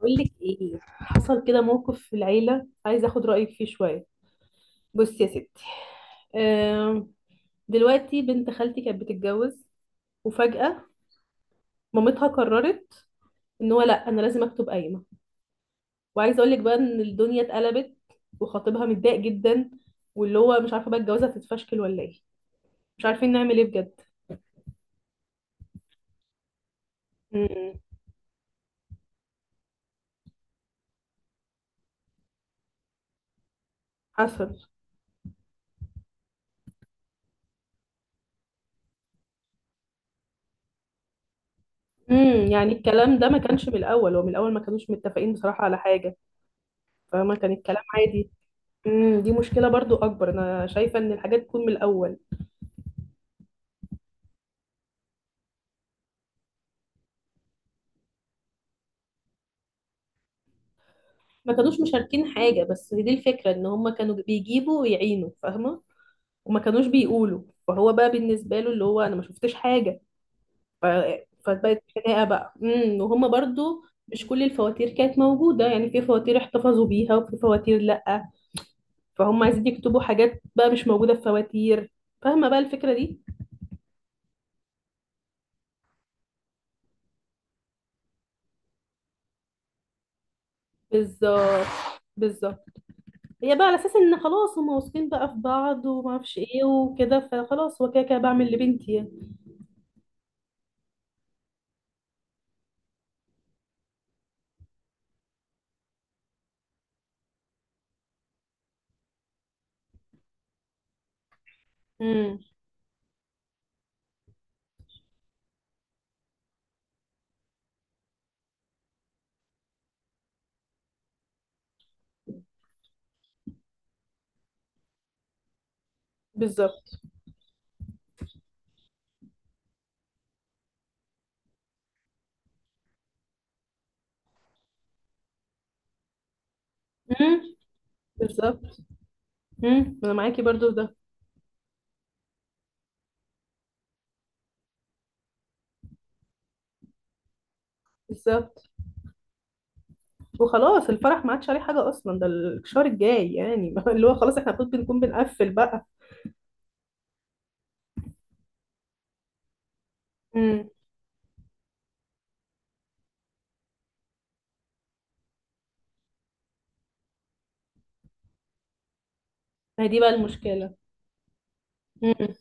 بقول لك ايه. حصل كده موقف في العيله، عايزه اخد رايك فيه شويه. بصي يا ستي. آم، دلوقتي بنت خالتي كانت بتتجوز، وفجاه مامتها قررت ان هو لا، انا لازم اكتب قايمه. وعايزه اقول لك بقى ان الدنيا اتقلبت، وخطيبها متضايق جدا، واللي هو مش عارفه بقى الجوازه هتتفشكل ولا ايه. مش عارفين نعمل ايه بجد. امم. حصل. امم، يعني الكلام ده ما كانش من الاول، ومن الاول ما كانوش متفقين بصراحه على حاجه، فما كان الكلام عادي. امم، دي مشكلة برضو أكبر، أنا شايفة إن الحاجات تكون من الأول. ما كانوش مشاركين حاجة، بس دي الفكرة، إن هما كانوا بيجيبوا ويعينوا فاهمة، وما كانوش بيقولوا. فهو بقى بالنسبة له اللي هو أنا ما شفتش حاجة ف... فبقت خناقة بقى وهما برضو مش كل الفواتير كانت موجودة، يعني في فواتير احتفظوا بيها وفي فواتير لأ، فهم عايزين يكتبوا حاجات بقى مش موجودة في فواتير، فاهمة بقى الفكرة دي. بالظبط. بالظبط. هي بقى على اساس ان خلاص هما واثقين بقى في بعض وما اعرفش ايه وكده، فخلاص هو كده كده بعمل لبنتي يعني. امم. بالظبط. امم. بالظبط. امم، انا معاكي برضو في ده. بالظبط. وخلاص الفرح ما عادش عليه حاجه اصلا، ده الشهر الجاي يعني اللي هو خلاص احنا المفروض بنكون بنقفل بقى. امم. ما هي دي بقى المشكله. امم.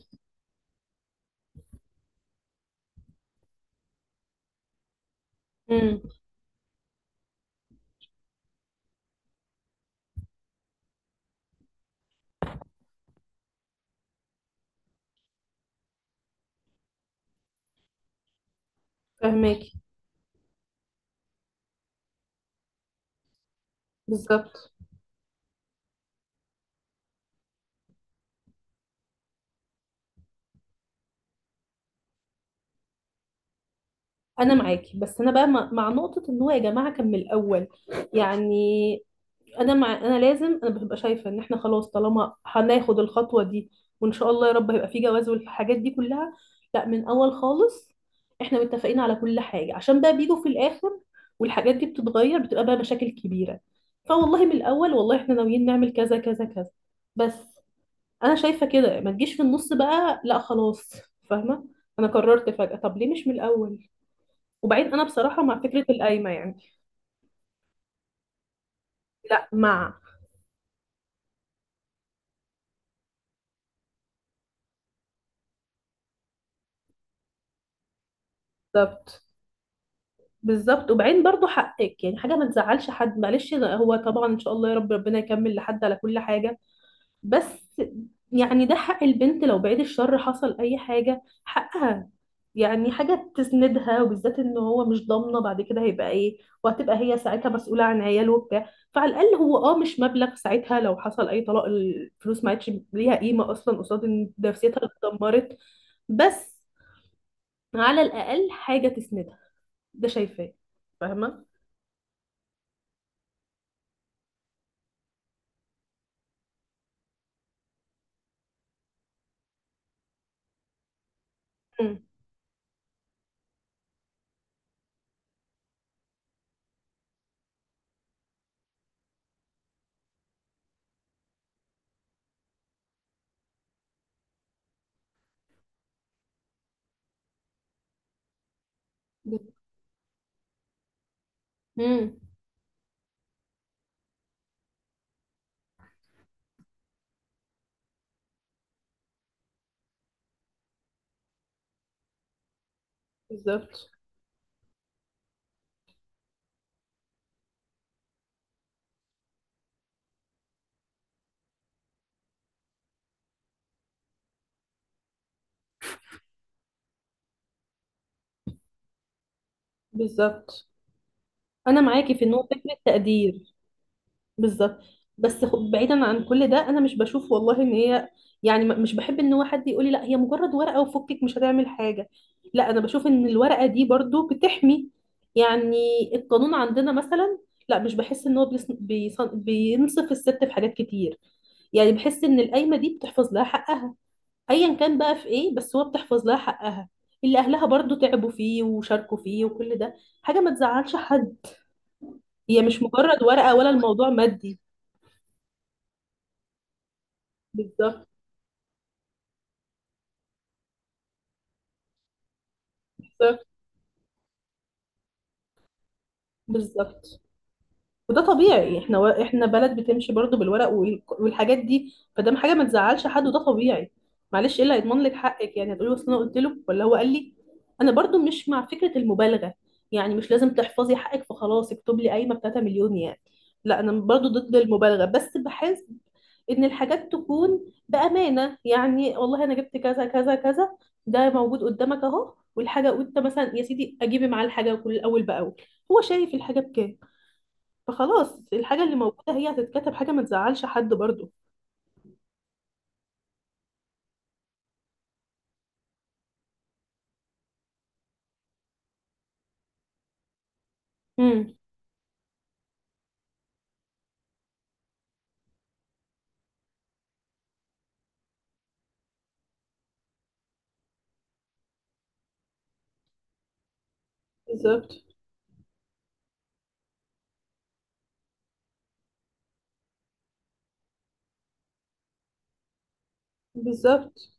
امم. فهماكي. بالظبط. انا معاكي، بس انا بقى مع نقطه ان هو يا جماعه كان من الاول، يعني انا مع انا لازم انا ببقى شايفه ان احنا خلاص، طالما هناخد الخطوه دي وان شاء الله يا رب هيبقى في جواز والحاجات دي كلها، لا، من اول خالص احنا متفقين على كل حاجه، عشان بقى بيجوا في الاخر والحاجات دي بتتغير، بتبقى بقى مشاكل كبيره. فوالله من الاول، والله احنا ناويين نعمل كذا كذا كذا، بس. انا شايفه كده ما تجيش في النص بقى، لا خلاص، فاهمه؟ انا قررت فجاه، طب ليه مش من الاول؟ وبعدين انا بصراحه مع فكره القايمه يعني. لا، مع. بالظبط. بالظبط. وبعدين برضو حقك، يعني حاجه ما تزعلش حد، معلش، ده هو طبعا ان شاء الله يا رب ربنا يكمل لحد على كل حاجه، بس يعني ده حق البنت. لو بعيد الشر حصل اي حاجه، حقها، يعني حاجه تسندها، وبالذات ان هو مش ضامنه بعد كده هيبقى ايه، وهتبقى هي ساعتها مسؤوله عن عياله وبتاع، فعلى الاقل هو اه مش مبلغ ساعتها لو حصل اي طلاق، الفلوس ما عادش ليها قيمه اصلا قصاد ان نفسيتها اللي اتدمرت، بس على الاقل حاجه تسندها، ده شايفاه. فاهمه. امم. بالظبط. بالظبط. انا معاكي في ان هو فكره تقدير. بالظبط. بس بعيدا عن كل ده، انا مش بشوف والله ان هي، يعني مش بحب ان هو حد يقول لي لا، هي مجرد ورقه وفكك مش هتعمل حاجه. لا، انا بشوف ان الورقه دي برضو بتحمي، يعني القانون عندنا مثلا لا، مش بحس ان هو بينصف الست في حاجات كتير. يعني بحس ان القايمه دي بتحفظ لها حقها، ايا كان بقى في ايه، بس هو بتحفظ لها حقها، اللي اهلها برضو تعبوا فيه وشاركوا فيه وكل ده. حاجه ما تزعلش حد، هي مش مجرد ورقه ولا الموضوع مادي. بالظبط. بالظبط. بالظبط. وده طبيعي، احنا بلد بتمشي برضو بالورق وال... والحاجات دي، فده حاجه ما تزعلش حد وده طبيعي. معلش، ايه اللي هيضمن لك حقك؟ يعني هتقولي اصل انا قلت له ولا هو قال لي. انا برضو مش مع فكره المبالغه، يعني مش لازم تحفظي حقك فخلاص اكتب لي قايمه ب 3 مليون يعني، لا، انا برضو ضد المبالغه، بس بحس ان الحاجات تكون بامانه، يعني والله انا جبت كذا كذا كذا، ده موجود قدامك اهو، والحاجه انت مثلا يا سيدي اجيبي معاه الحاجه كل اول باول، هو شايف الحاجه بكام، فخلاص الحاجة اللي موجودة هي هتتكتب، حاجة ما تزعلش حد برضو. امم. بالظبط. بالظبط.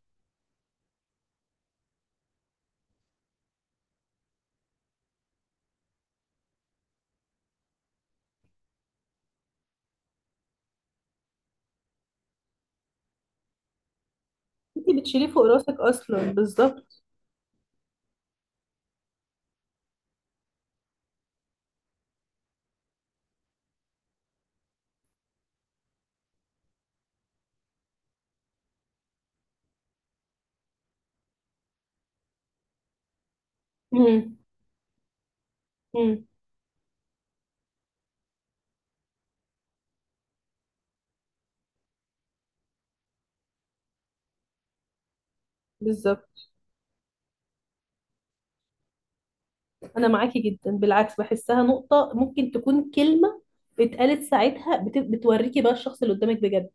انت بتشيليه فوق راسك اصلا، بالظبط. امم. امم. بالظبط. انا معاكي جدا، بالعكس، بحسها نقطة ممكن تكون كلمة اتقالت ساعتها بتوريكي بقى الشخص اللي قدامك بجد،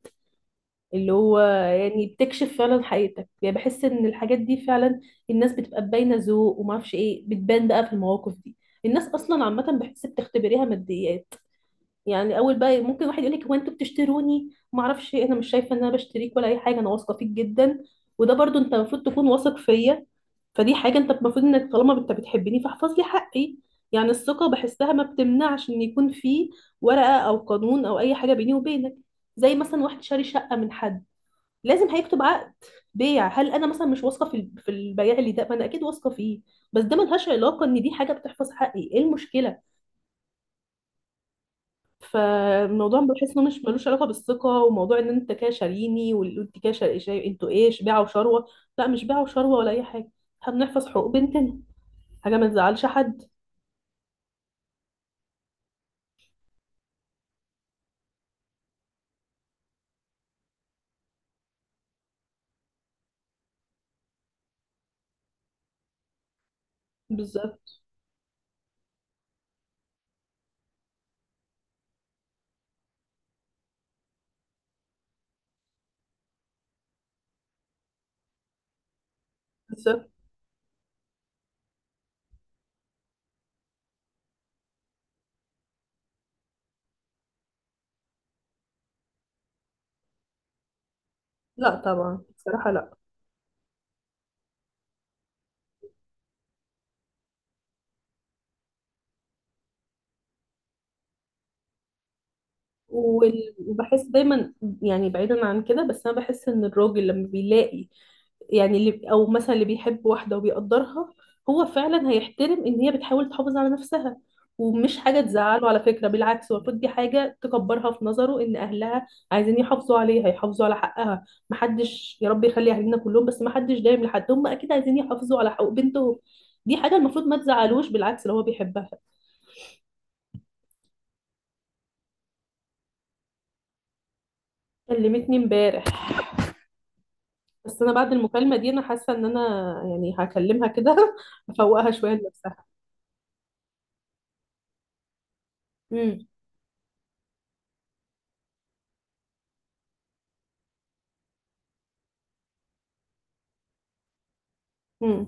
اللي هو يعني بتكشف فعلا حقيقتك. يعني بحس ان الحاجات دي فعلا، الناس بتبقى باينة ذوق وما اعرفش ايه، بتبان بقى في المواقف دي. الناس اصلا عامة بحس بتختبريها ماديا، يعني اول بقى ممكن واحد يقول لك هو انتوا بتشتروني ما اعرفش إيه، انا مش شايفه ان انا بشتريك ولا اي حاجه، انا واثقه فيك جدا، وده برضو انت المفروض تكون واثق فيا، فدي حاجه انت المفروض انك طالما انت بتحبني فاحفظ لي حقي. يعني الثقه بحسها ما بتمنعش ان يكون في ورقه او قانون او اي حاجه بيني وبينك، زي مثلا واحد شاري شقه من حد لازم هيكتب عقد بيع. هل انا مثلا مش واثقه في في البياع اللي ده؟ ما انا اكيد واثقه فيه، بس ده ملهاش علاقه، ان دي حاجه بتحفظ حقي، ايه المشكله؟ فالموضوع بحس انه مش ملوش علاقه بالثقه، وموضوع ان انت كده شاريني وانت كده انتوا ايه، بيعه وشروه؟ لا، مش بيعه وشروه ولا اي حاجه، احنا بنحفظ حقوق بنتنا، حاجه ما تزعلش حد. بالظبط. بالظبط. لا طبعا، بصراحه لا. وبحس دايما، يعني بعيدا عن كده، بس انا بحس ان الراجل لما بيلاقي، يعني اللي او مثلا اللي بيحب واحده وبيقدرها، هو فعلا هيحترم ان هي بتحاول تحافظ على نفسها، ومش حاجه تزعله على فكره، بالعكس المفروض دي حاجه تكبرها في نظره، ان اهلها عايزين يحافظوا عليها، يحافظوا على حقها، محدش يا رب يخلي اهالينا كلهم، بس محدش دايم لحد، هم اكيد عايزين يحافظوا على حقوق بنتهم. دي حاجه المفروض ما تزعلوش، بالعكس لو هو بيحبها. كلمتني امبارح. بس انا بعد المكالمه دي انا حاسه ان انا يعني هكلمها كده افوقها شويه لنفسها. امم. امم.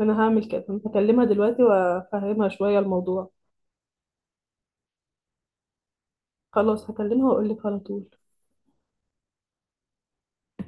انا هعمل كده، هكلمها دلوقتي وافهمها شويه الموضوع. خلاص، هكلمها واقول لك على طول.